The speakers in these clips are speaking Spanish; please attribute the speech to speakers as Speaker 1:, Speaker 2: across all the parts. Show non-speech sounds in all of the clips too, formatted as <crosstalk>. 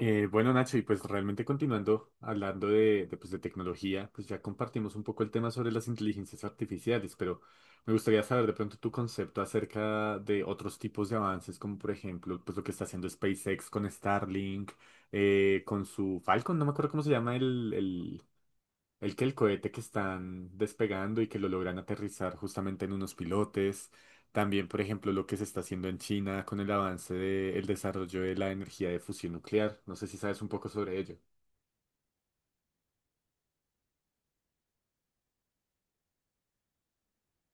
Speaker 1: Bueno, Nacho, y pues realmente continuando hablando de de tecnología, pues ya compartimos un poco el tema sobre las inteligencias artificiales, pero me gustaría saber de pronto tu concepto acerca de otros tipos de avances, como por ejemplo, pues lo que está haciendo SpaceX con Starlink, con su Falcon, no me acuerdo cómo se llama el que el cohete que están despegando y que lo logran aterrizar justamente en unos pilotes. También, por ejemplo, lo que se está haciendo en China con el avance del desarrollo de la energía de fusión nuclear. No sé si sabes un poco sobre ello.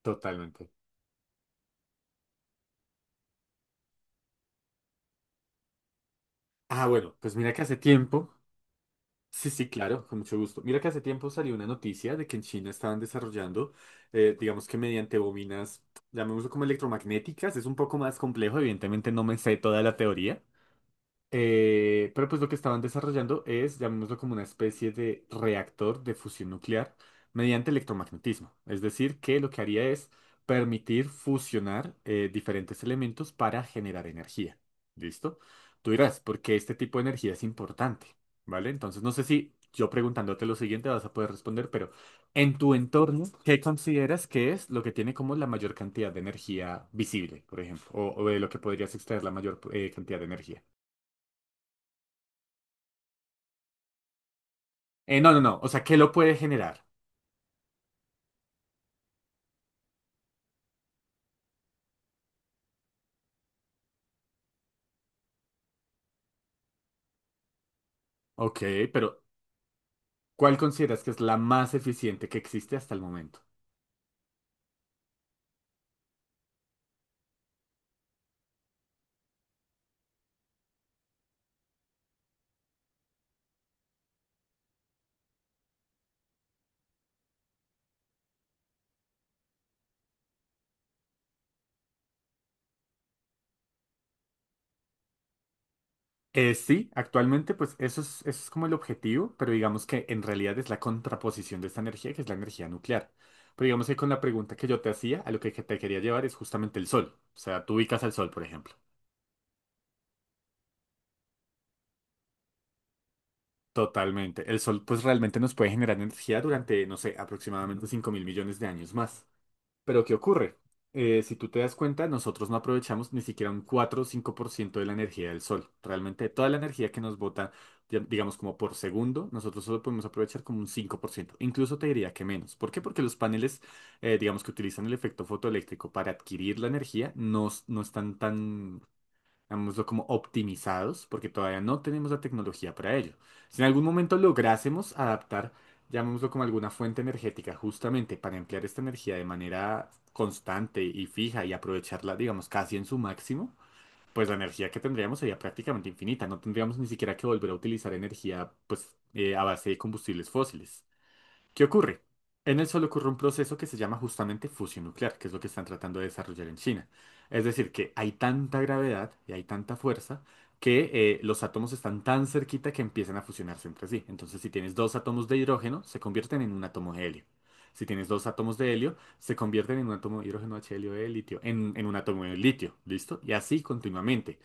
Speaker 1: Totalmente. Ah, bueno, pues mira que hace tiempo. Sí, sí, claro, con mucho gusto. Mira que hace tiempo salió una noticia de que en China estaban desarrollando, digamos que mediante bobinas, llamémoslo como electromagnéticas. Es un poco más complejo, evidentemente no me sé toda la teoría. Pero pues lo que estaban desarrollando es, llamémoslo como una especie de reactor de fusión nuclear mediante electromagnetismo. Es decir, que lo que haría es permitir fusionar diferentes elementos para generar energía. ¿Listo? Tú dirás, ¿por qué este tipo de energía es importante? ¿Vale? Entonces, no sé si yo preguntándote lo siguiente vas a poder responder, pero en tu entorno, ¿qué consideras que es lo que tiene como la mayor cantidad de energía visible, por ejemplo? O de lo que podrías extraer la mayor cantidad de energía. No, no, no. O sea, ¿qué lo puede generar? Ok, pero ¿cuál consideras que es la más eficiente que existe hasta el momento? Sí, actualmente, pues eso es como el objetivo, pero digamos que en realidad es la contraposición de esta energía, que es la energía nuclear. Pero digamos que con la pregunta que yo te hacía, a lo que te quería llevar es justamente el sol. O sea, tú ubicas al sol, por ejemplo. Totalmente. El sol, pues realmente nos puede generar energía durante, no sé, aproximadamente 5.000 millones de años más. Pero ¿qué ocurre? Si tú te das cuenta, nosotros no aprovechamos ni siquiera un 4 o 5% de la energía del sol. Realmente toda la energía que nos bota, digamos como por segundo, nosotros solo podemos aprovechar como un 5%. Incluso te diría que menos. ¿Por qué? Porque los paneles, digamos que utilizan el efecto fotoeléctrico para adquirir la energía, no, no están tan, digámoslo como optimizados, porque todavía no tenemos la tecnología para ello. Si en algún momento lográsemos adaptar, llamémoslo como alguna fuente energética, justamente para emplear esta energía de manera constante y fija y aprovecharla, digamos, casi en su máximo, pues la energía que tendríamos sería prácticamente infinita. No tendríamos ni siquiera que volver a utilizar energía, pues, a base de combustibles fósiles. ¿Qué ocurre? En el solo ocurre un proceso que se llama justamente fusión nuclear, que es lo que están tratando de desarrollar en China. Es decir, que hay tanta gravedad y hay tanta fuerza que los átomos están tan cerquita que empiezan a fusionarse entre sí. Entonces, si tienes dos átomos de hidrógeno, se convierten en un átomo de helio. Si tienes dos átomos de helio, se convierten en un átomo de hidrógeno, H, helio de litio, en un átomo de litio, ¿listo? Y así continuamente.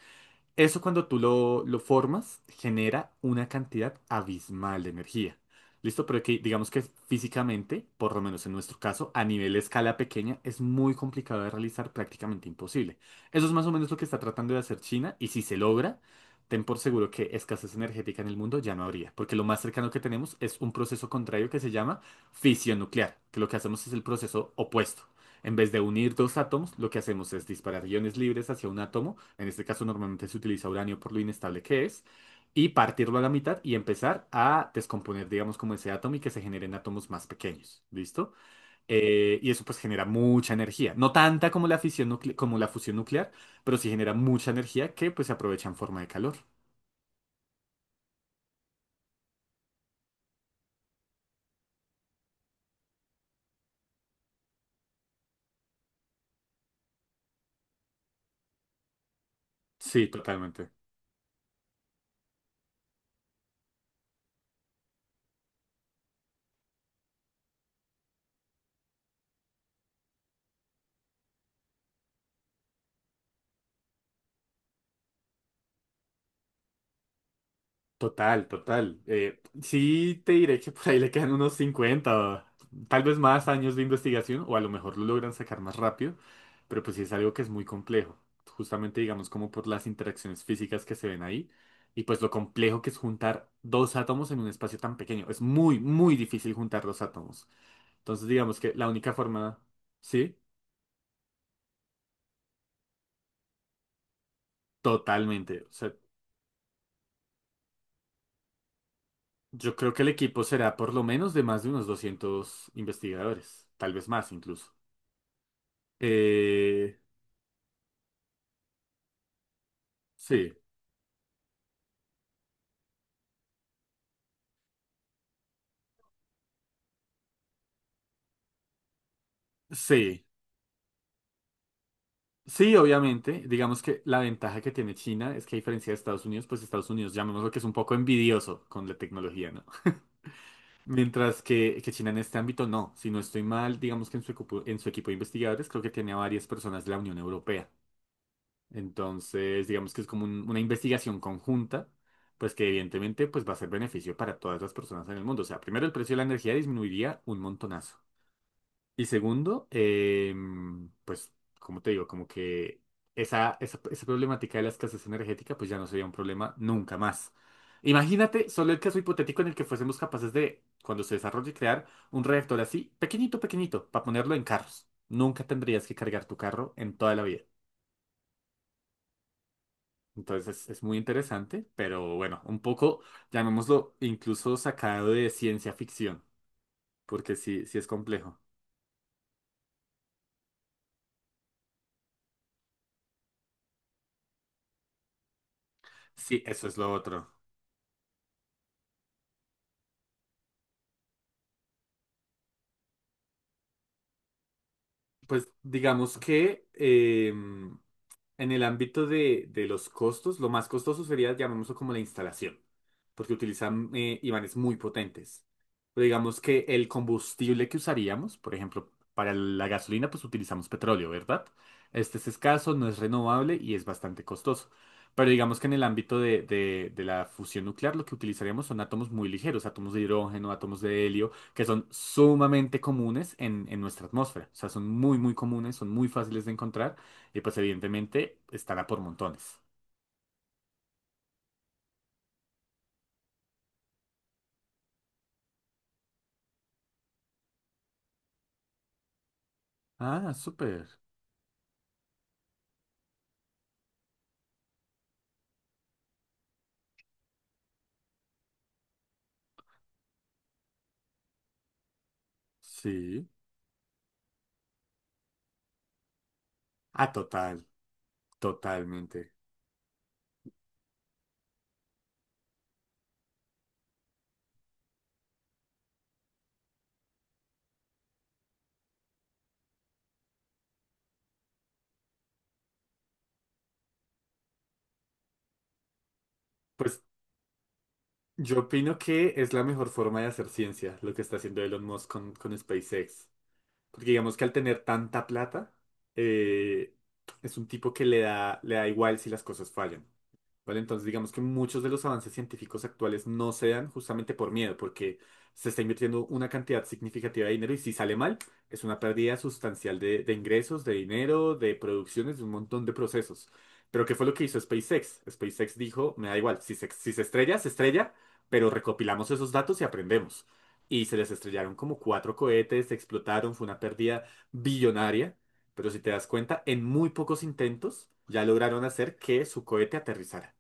Speaker 1: Eso cuando tú lo formas genera una cantidad abismal de energía. ¿Listo? Pero que digamos que físicamente, por lo menos en nuestro caso, a nivel de escala pequeña, es muy complicado de realizar, prácticamente imposible. Eso es más o menos lo que está tratando de hacer China y si se logra, ten por seguro que escasez energética en el mundo ya no habría, porque lo más cercano que tenemos es un proceso contrario que se llama fisión nuclear, que lo que hacemos es el proceso opuesto. En vez de unir dos átomos, lo que hacemos es disparar iones libres hacia un átomo. En este caso normalmente se utiliza uranio por lo inestable que es. Y partirlo a la mitad y empezar a descomponer, digamos, como ese átomo y que se generen átomos más pequeños. ¿Listo? Y eso pues genera mucha energía. No tanta como la fusión nuclear, pero sí genera mucha energía que pues se aprovecha en forma de calor. Sí, totalmente. Total, total. Sí te diré que <laughs> por ahí le quedan unos 50, tal vez más años de investigación, o a lo mejor lo logran sacar más rápido, pero pues sí es algo que es muy complejo, justamente digamos como por las interacciones físicas que se ven ahí, y pues lo complejo que es juntar dos átomos en un espacio tan pequeño. Es muy, muy difícil juntar dos átomos. Entonces digamos que la única forma, sí, totalmente. O sea, yo creo que el equipo será por lo menos de más de unos 200 investigadores, tal vez más incluso. Eh, sí, sí, sí, obviamente. Digamos que la ventaja que tiene China es que a diferencia de Estados Unidos, pues Estados Unidos, llamémoslo que es un poco envidioso con la tecnología, ¿no? <laughs> Mientras que China en este ámbito no. Si no estoy mal, digamos que en en su equipo de investigadores creo que tiene a varias personas de la Unión Europea. Entonces, digamos que es como una investigación conjunta, pues que evidentemente pues va a ser beneficio para todas las personas en el mundo. O sea, primero el precio de la energía disminuiría un montonazo. Y segundo, pues, como te digo, como que esa problemática de la escasez energética, pues ya no sería un problema nunca más. Imagínate solo el caso hipotético en el que fuésemos capaces de, cuando se desarrolle, crear un reactor así, pequeñito, pequeñito, para ponerlo en carros. Nunca tendrías que cargar tu carro en toda la vida. Entonces es muy interesante, pero bueno, un poco, llamémoslo, incluso sacado de ciencia ficción, porque sí, sí es complejo. Sí, eso es lo otro. Pues digamos que en el ámbito de los costos, lo más costoso sería, llamémoslo como la instalación, porque utilizan imanes muy potentes. Pero digamos que el combustible que usaríamos, por ejemplo, para la gasolina, pues utilizamos petróleo, ¿verdad? Este es escaso, no es renovable y es bastante costoso. Pero digamos que en el ámbito de la fusión nuclear, lo que utilizaríamos son átomos muy ligeros, átomos de hidrógeno, átomos de helio, que son sumamente comunes en nuestra atmósfera. O sea, son muy, muy comunes, son muy fáciles de encontrar y pues evidentemente estará por montones. Ah, súper. Sí. Ah, total, totalmente. Pues yo opino que es la mejor forma de hacer ciencia, lo que está haciendo Elon Musk con SpaceX. Porque digamos que al tener tanta plata, eh, es un tipo que le da igual si las cosas fallan. ¿Vale? Entonces, digamos que muchos de los avances científicos actuales no se dan justamente por miedo, porque se está invirtiendo una cantidad significativa de dinero y si sale mal, es una pérdida sustancial de ingresos, de dinero, de producciones, de un montón de procesos. Pero ¿qué fue lo que hizo SpaceX? SpaceX dijo, me da igual, si se estrella, se estrella, pero recopilamos esos datos y aprendemos. Y se les estrellaron como 4 cohetes, se explotaron, fue una pérdida billonaria. Pero si te das cuenta, en muy pocos intentos ya lograron hacer que su cohete aterrizara.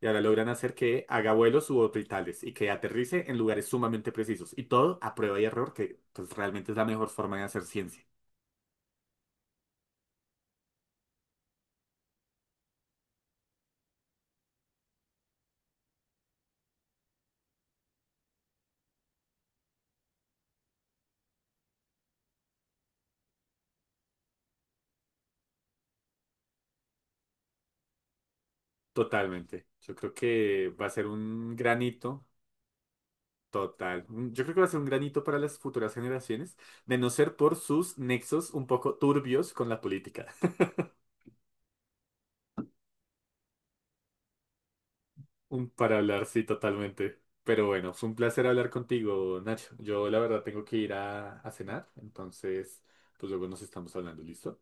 Speaker 1: Y ahora logran hacer que haga vuelos suborbitales y que aterrice en lugares sumamente precisos. Y todo a prueba y error, que pues realmente es la mejor forma de hacer ciencia. Totalmente. Yo creo que va a ser un granito total. Yo creo que va a ser un granito para las futuras generaciones, de no ser por sus nexos un poco turbios con la política. <laughs> Un para hablar, sí, totalmente. Pero bueno, fue un placer hablar contigo, Nacho. Yo la verdad tengo que ir a cenar, entonces pues luego nos estamos hablando, ¿listo?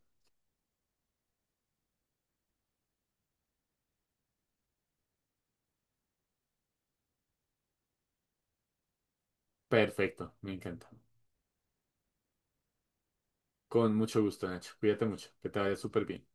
Speaker 1: Perfecto, me encanta. Con mucho gusto, Nacho. Cuídate mucho, que te vaya súper bien.